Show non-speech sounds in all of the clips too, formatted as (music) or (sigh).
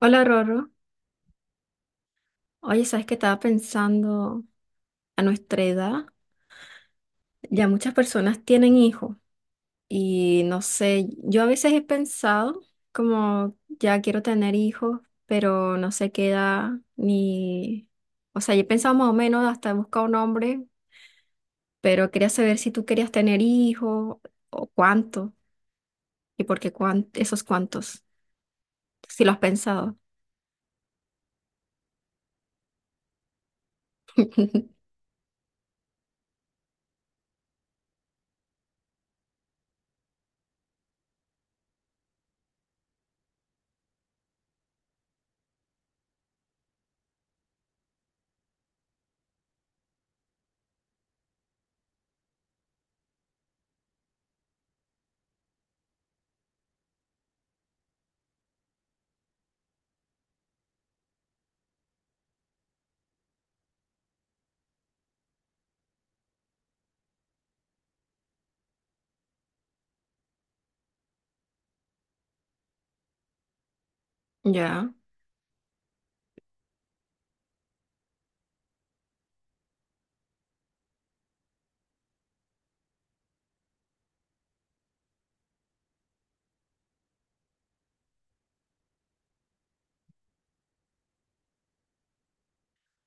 Hola Rorro, oye, ¿sabes que estaba pensando a nuestra edad? Ya muchas personas tienen hijos y no sé, yo a veces he pensado como ya quiero tener hijos, pero no sé qué edad ni... O sea, yo he pensado más o menos hasta he buscado un hombre, pero quería saber si tú querías tener hijos o cuánto y por qué esos cuántos, si lo has pensado. (laughs) Ya.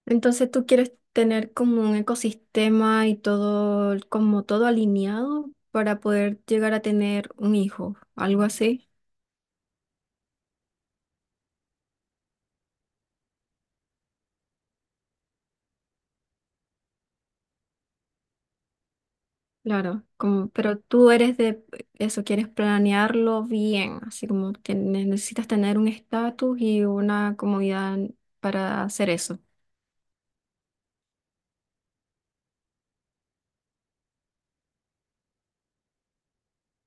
Entonces tú quieres tener como un ecosistema y todo, como todo alineado para poder llegar a tener un hijo, algo así, claro, como, pero tú eres de eso, quieres planearlo bien, así como que necesitas tener un estatus y una comodidad para hacer eso,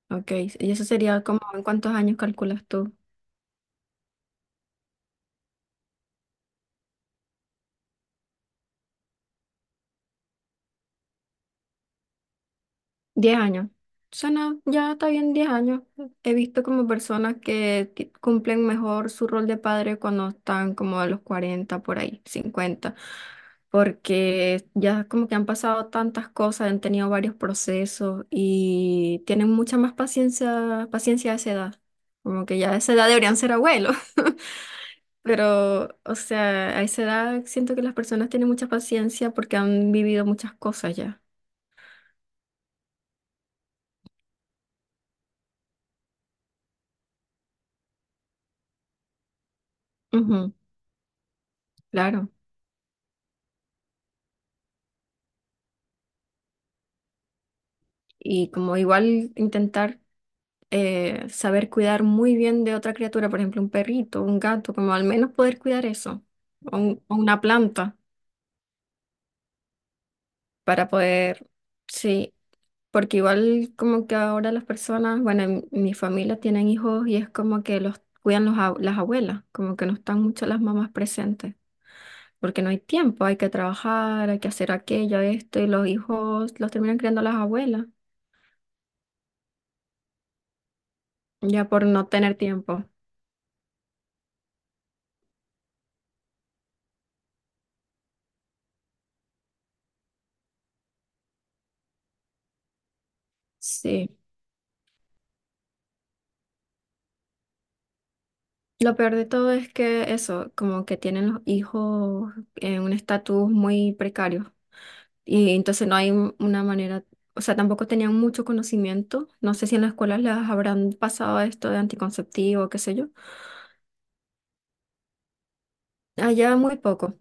ok, y eso sería como en cuántos años calculas tú. 10 años. Suena, ya está bien 10 años. He visto como personas que cumplen mejor su rol de padre cuando están como a los 40 por ahí, 50 porque ya como que han pasado tantas cosas, han tenido varios procesos y tienen mucha más paciencia, paciencia a esa edad. Como que ya a esa edad deberían ser abuelos. (laughs) Pero, o sea, a esa edad siento que las personas tienen mucha paciencia porque han vivido muchas cosas ya. Ujú, claro. Y como igual intentar saber cuidar muy bien de otra criatura, por ejemplo, un perrito, un gato, como al menos poder cuidar eso, o una planta para poder, sí, porque igual como que ahora las personas, bueno, en mi familia tienen hijos y es como que los cuidan los las abuelas, como que no están mucho las mamás presentes. Porque no hay tiempo, hay que trabajar, hay que hacer aquello, esto, y los hijos los terminan criando las abuelas, ya por no tener tiempo. Sí. Lo peor de todo es que eso, como que tienen los hijos en un estatus muy precario y entonces no hay una manera, o sea, tampoco tenían mucho conocimiento. No sé si en las escuelas les habrán pasado esto de anticonceptivo, qué sé yo. Allá muy poco.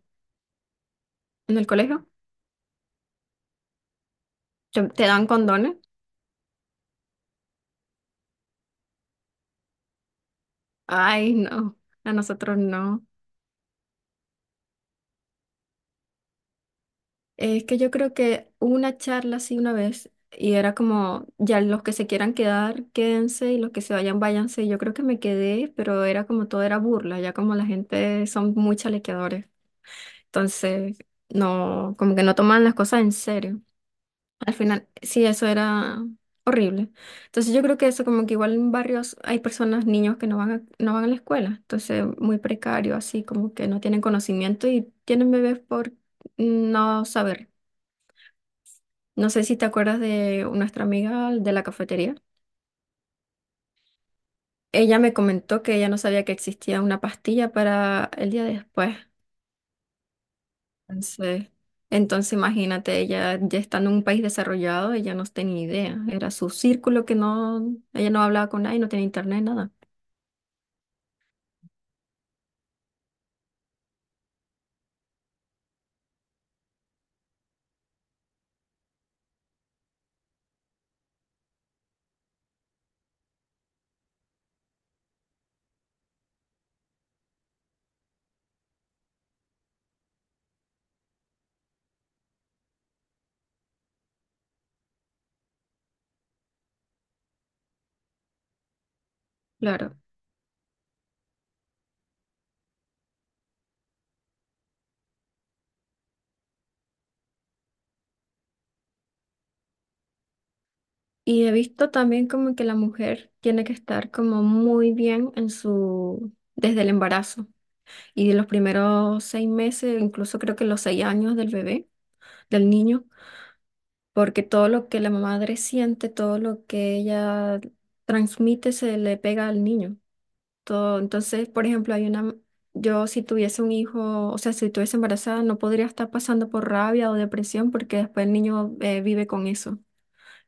En el colegio te dan condones. Ay, no, a nosotros no. Es que yo creo que hubo una charla así una vez y era como, ya los que se quieran quedar, quédense y los que se vayan, váyanse. Y yo creo que me quedé, pero era como todo era burla, ya como la gente son muy chalequeadores. Entonces, no, como que no toman las cosas en serio. Al final, sí, eso era horrible. Entonces yo creo que eso como que igual en barrios hay personas, niños que no van a la escuela. Entonces, muy precario, así como que no tienen conocimiento y tienen bebés por no saber. No sé si te acuerdas de nuestra amiga de la cafetería. Ella me comentó que ella no sabía que existía una pastilla para el día después. Entonces, entonces imagínate, ella ya estando en un país desarrollado, ella no tenía idea. Era su círculo que no, ella no hablaba con nadie, no tenía internet, nada. Claro. Y he visto también como que la mujer tiene que estar como muy bien en su, desde el embarazo y de los primeros 6 meses, incluso creo que los 6 años del bebé, del niño porque todo lo que la madre siente, todo lo que ella transmite se le pega al niño. Todo, entonces, por ejemplo, hay una, yo si tuviese un hijo, o sea, si estuviese embarazada, no podría estar pasando por rabia o depresión porque después el niño vive con eso.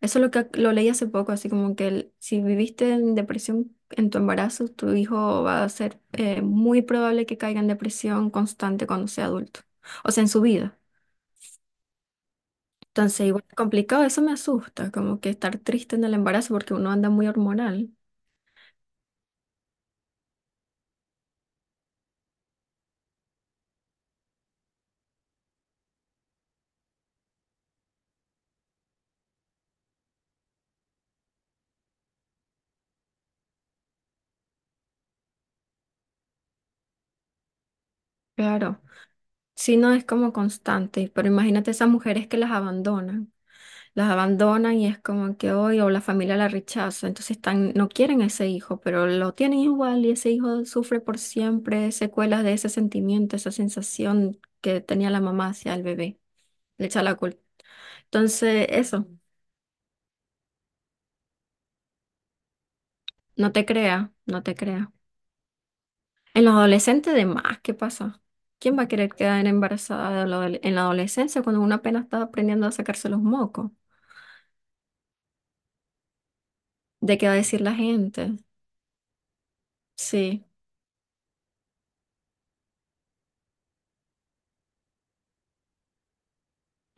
Eso es lo que lo leí hace poco, así como que si viviste en depresión en tu embarazo, tu hijo va a ser muy probable que caiga en depresión constante cuando sea adulto, o sea, en su vida. Entonces, igual es complicado, eso me asusta, como que estar triste en el embarazo porque uno anda muy hormonal. Claro, si no es como constante, pero imagínate esas mujeres que las abandonan y es como que hoy o la familia la rechaza, entonces están, no quieren a ese hijo, pero lo tienen igual y ese hijo sufre por siempre secuelas de ese sentimiento, esa sensación que tenía la mamá hacia el bebé, le echa la culpa. Entonces, eso, no te crea, no te crea. En los adolescentes de más, ¿qué pasa? ¿Quién va a querer quedar embarazada de la en la adolescencia cuando uno apenas está aprendiendo a sacarse los mocos? ¿De qué va a decir la gente? Sí.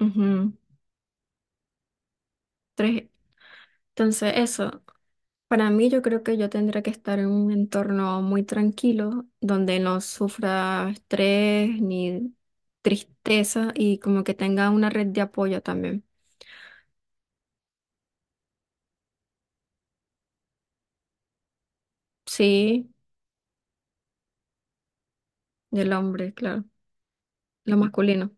Ujú, tres. Entonces, eso. Para mí, yo creo que yo tendría que estar en un entorno muy tranquilo, donde no sufra estrés ni tristeza y como que tenga una red de apoyo también. Sí, del hombre, claro, lo masculino.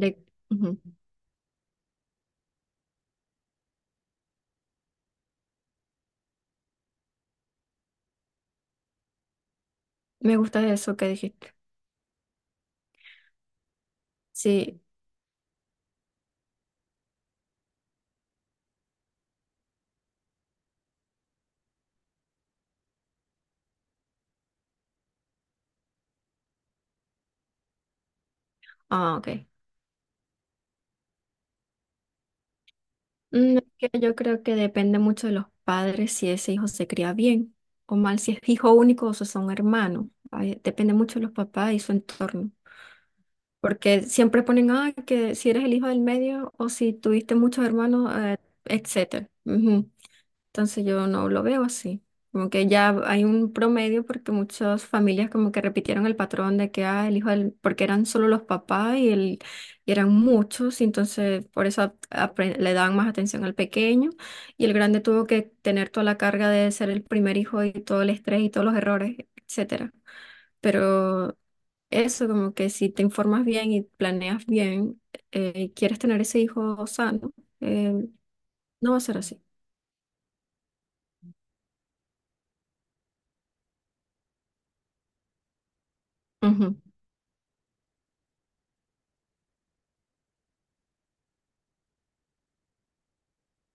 De, ujú. Me gusta eso que dijiste. Sí, ah, ok. Es que yo creo que depende mucho de los padres si ese hijo se cría bien o mal, si es hijo único o si son hermanos. Ay, depende mucho de los papás y su entorno. Porque siempre ponen, ah, que si eres el hijo del medio o si tuviste muchos hermanos, etcétera. Ujú. Entonces yo no lo veo así. Como que ya hay un promedio porque muchas familias como que repitieron el patrón de que ah, el hijo del, porque eran solo los papás y, el, y eran muchos, y entonces por eso le daban más atención al pequeño y el grande tuvo que tener toda la carga de ser el primer hijo y todo el estrés y todos los errores, etcétera. Pero eso como que si te informas bien y planeas bien y quieres tener ese hijo sano, eh, no va a ser así. Ujú.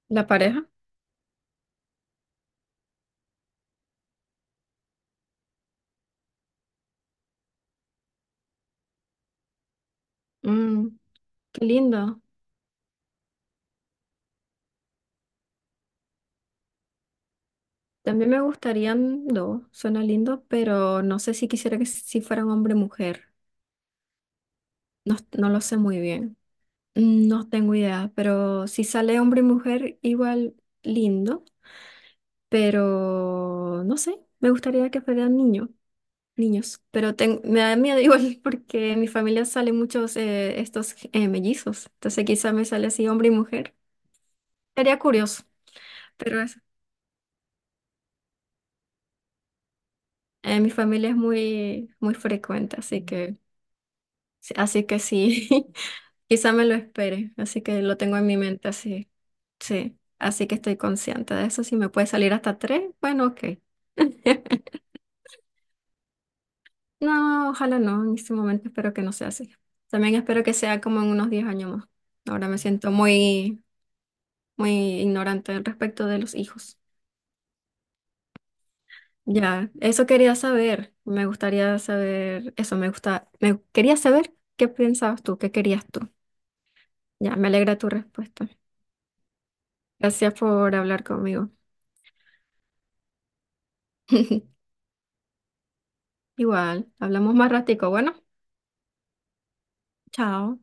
La pareja. Mm, Qué lindo. También me gustarían dos, suena lindo, pero no sé si quisiera que si fueran hombre y mujer. No, no lo sé muy bien. No tengo idea, pero si sale hombre y mujer, igual lindo, pero no sé, me gustaría que fueran niños, niños, pero me da miedo igual (laughs) porque en mi familia salen muchos estos mellizos, entonces quizá me sale así hombre y mujer. Sería curioso, pero en mi familia es muy, muy frecuente, así que... Sí, así que sí, (laughs) quizá me lo espere, así que lo tengo en mi mente, así, sí, así que estoy consciente de eso, si me puede salir hasta tres, bueno, ok. (laughs) No, ojalá no, en este momento espero que no sea así. También espero que sea como en unos 10 años más. Ahora me siento muy, muy ignorante al respecto de los hijos. Ya, eso quería saber, me gustaría saber, eso me gusta, me quería saber qué pensabas tú, qué querías tú. Ya, me alegra tu respuesta. Gracias por hablar conmigo. (laughs) Igual, hablamos más ratico. Bueno, chao.